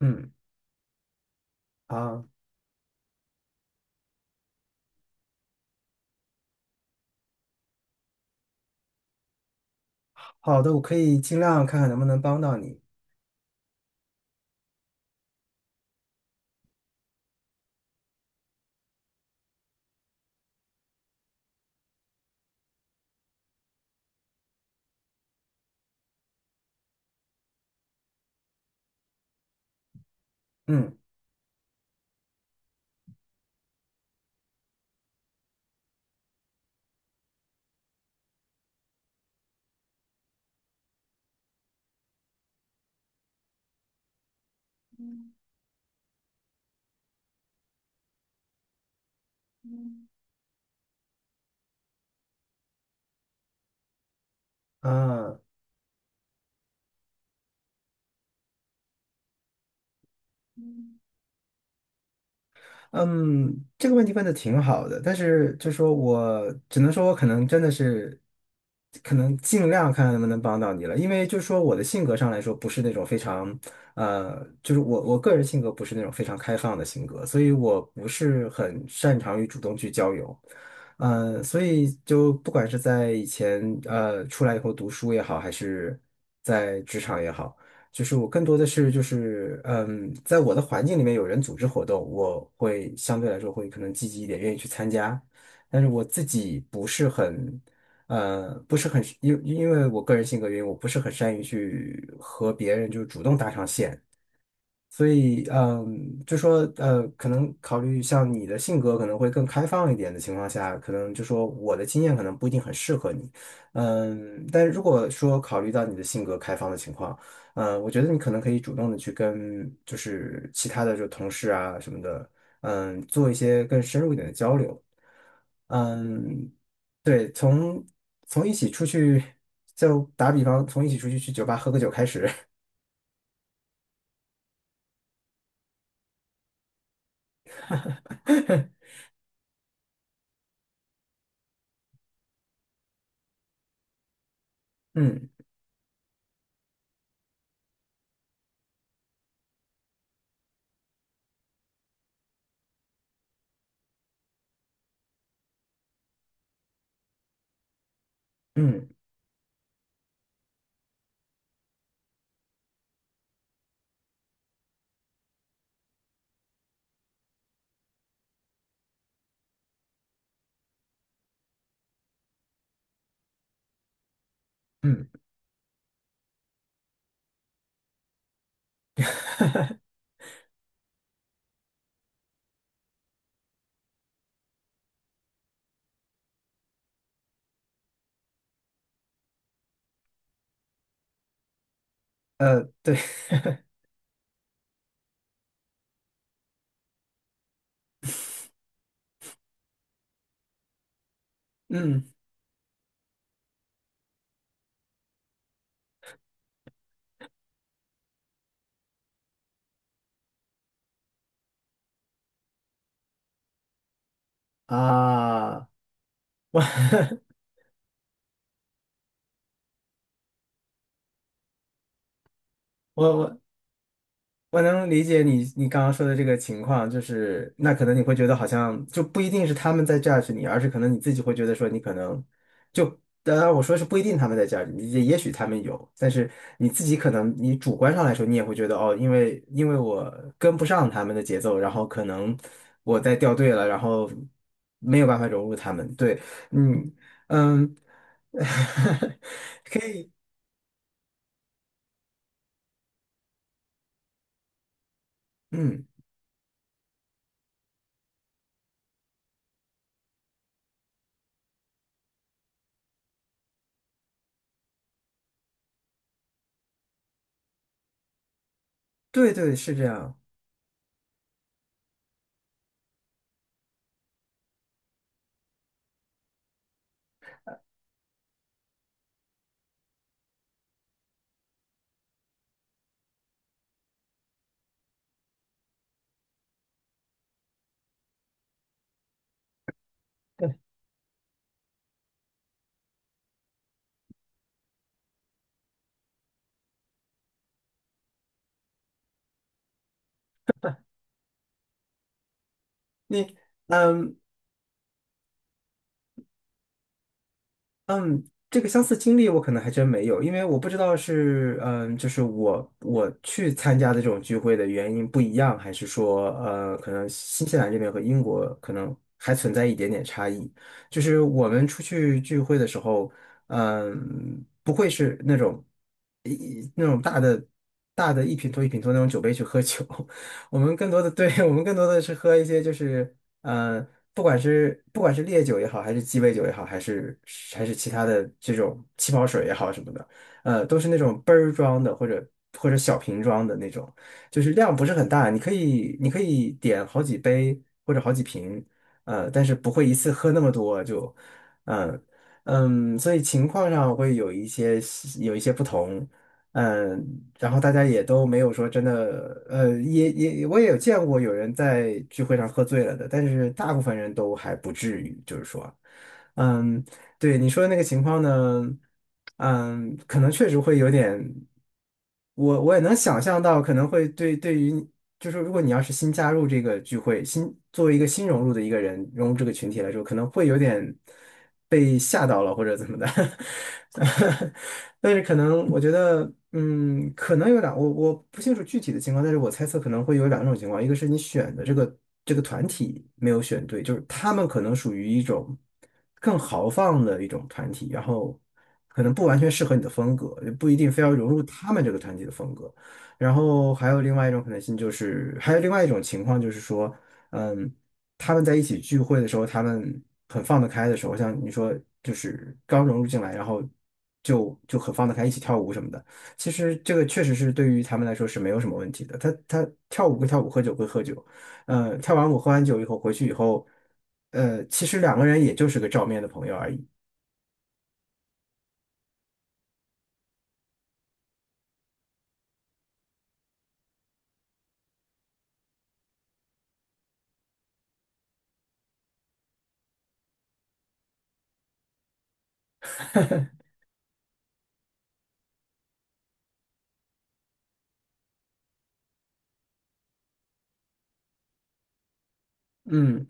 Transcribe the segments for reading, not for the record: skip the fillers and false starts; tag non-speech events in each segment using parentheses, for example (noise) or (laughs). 嗯，好好的，我可以尽量看看能不能帮到你。嗯啊，嗯，这个问题问的挺好的，但是就说我只能说，我可能真的是，可能尽量看看能不能帮到你了，因为就说我的性格上来说，不是那种非常，就是我个人性格不是那种非常开放的性格，所以我不是很擅长于主动去交友。所以就不管是在以前出来以后读书也好，还是在职场也好。就是我更多的是就是在我的环境里面有人组织活动，我会相对来说会可能积极一点，愿意去参加。但是我自己不是很因为我个人性格原因，我不是很善于去和别人就是主动搭上线。所以，就说，可能考虑像你的性格可能会更开放一点的情况下，可能就说我的经验可能不一定很适合你，但如果说考虑到你的性格开放的情况，我觉得你可能可以主动的去跟就是其他的就同事啊什么的，做一些更深入一点的交流，嗯，对，从一起出去，就打比方，从一起出去去酒吧喝个酒开始，(laughs) 嗯嗯嗯，对。嗯啊，我 (laughs) 我我我能理解你刚刚说的这个情况，就是那可能你会觉得好像就不一定是他们在 judge 你，而是可能你自己会觉得说你可能就当然我说是不一定他们在 judge 你，也许他们有，但是你自己可能你主观上来说你也会觉得哦，因为我跟不上他们的节奏，然后可能我在掉队了，然后没有办法融入他们。对，嗯嗯 (laughs) 嗯，对对是这样。你嗯嗯，这个相似经历我可能还真没有，因为我不知道是就是我去参加的这种聚会的原因不一样，还是说可能新西兰这边和英国可能还存在一点点差异。就是我们出去聚会的时候，不会是那种那种大的一品托那种酒杯去喝酒，(laughs) 我们更多的对 (laughs) 我们更多的是喝一些就是呃，不管是烈酒也好，还是鸡尾酒也好，还是其他的这种气泡水也好什么的，都是那种杯儿装的或者小瓶装的那种，就是量不是很大，你可以点好几杯或者好几瓶，但是不会一次喝那么多就，嗯、所以情况上会有一些不同，然后大家也都没有说真的，我也有见过有人在聚会上喝醉了的，但是大部分人都还不至于，就是说，嗯，对你说的那个情况呢，可能确实会有点，我也能想象到，可能会对于你就是如果你要是新加入这个聚会，新作为一个新融入的一个人，融入这个群体来说，可能会有点被吓到了或者怎么的，(laughs) 但是可能我觉得，可能有两，我不清楚具体的情况，但是我猜测可能会有两种情况，一个是你选的这个团体没有选对，就是他们可能属于一种。更豪放的一种团体，然后可能不完全适合你的风格，也不一定非要融入他们这个团体的风格。然后还有另外一种可能性，就是还有另外一种情况，就是说，嗯，他们在一起聚会的时候，他们很放得开的时候，像你说，就是刚融入进来，然后就很放得开，一起跳舞什么的。其实这个确实是对于他们来说是没有什么问题的。他跳舞归跳舞，喝酒归喝酒，跳完舞喝完酒以后回去以后。其实两个人也就是个照面的朋友而已。嗯，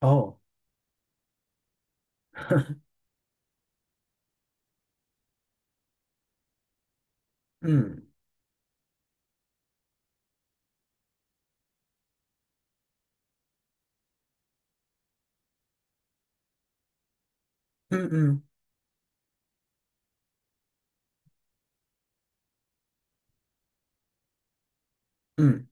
哦，嗯嗯嗯嗯，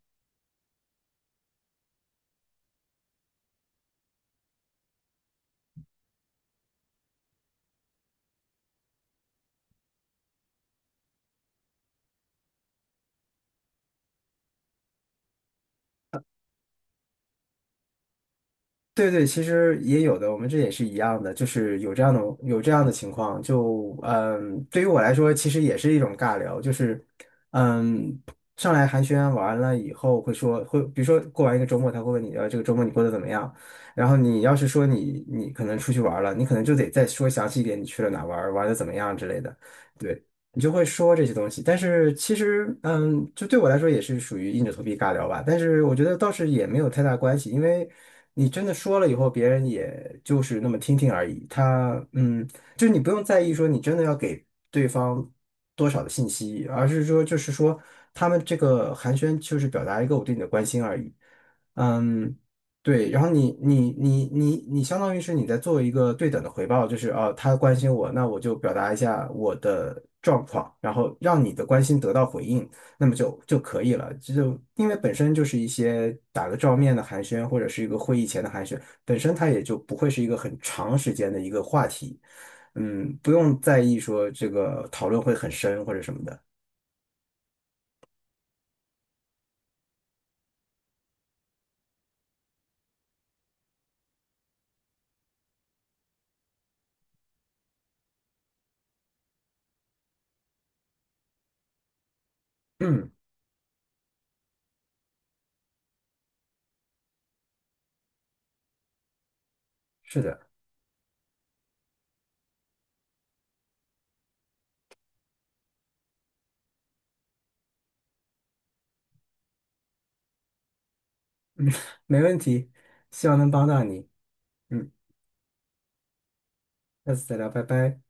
对对，其实也有的，我们这也是一样的，就是有这样的情况。就对于我来说，其实也是一种尬聊，就是嗯，上来寒暄完了以后，会说会，比如说过完一个周末，他会问你，这个周末你过得怎么样？然后你要是说你可能出去玩了，你可能就得再说详细一点，你去了哪玩儿玩的怎么样之类的。对。你就会说这些东西。但是其实，就对我来说也是属于硬着头皮尬聊吧。但是我觉得倒是也没有太大关系，因为你真的说了以后，别人也就是那么听听而已。就是你不用在意说你真的要给对方多少的信息，而是说就是说他们这个寒暄就是表达一个我对你的关心而已。嗯，对，然后你相当于是你在做一个对等的回报，就是啊，他关心我，那我就表达一下我的状况，然后让你的关心得到回应，那么就可以了。这就因为本身就是一些打个照面的寒暄，或者是一个会议前的寒暄，本身它也就不会是一个很长时间的一个话题，不用在意说这个讨论会很深或者什么的。嗯，是的，没问题，希望能帮到你。嗯，下次再聊，拜拜。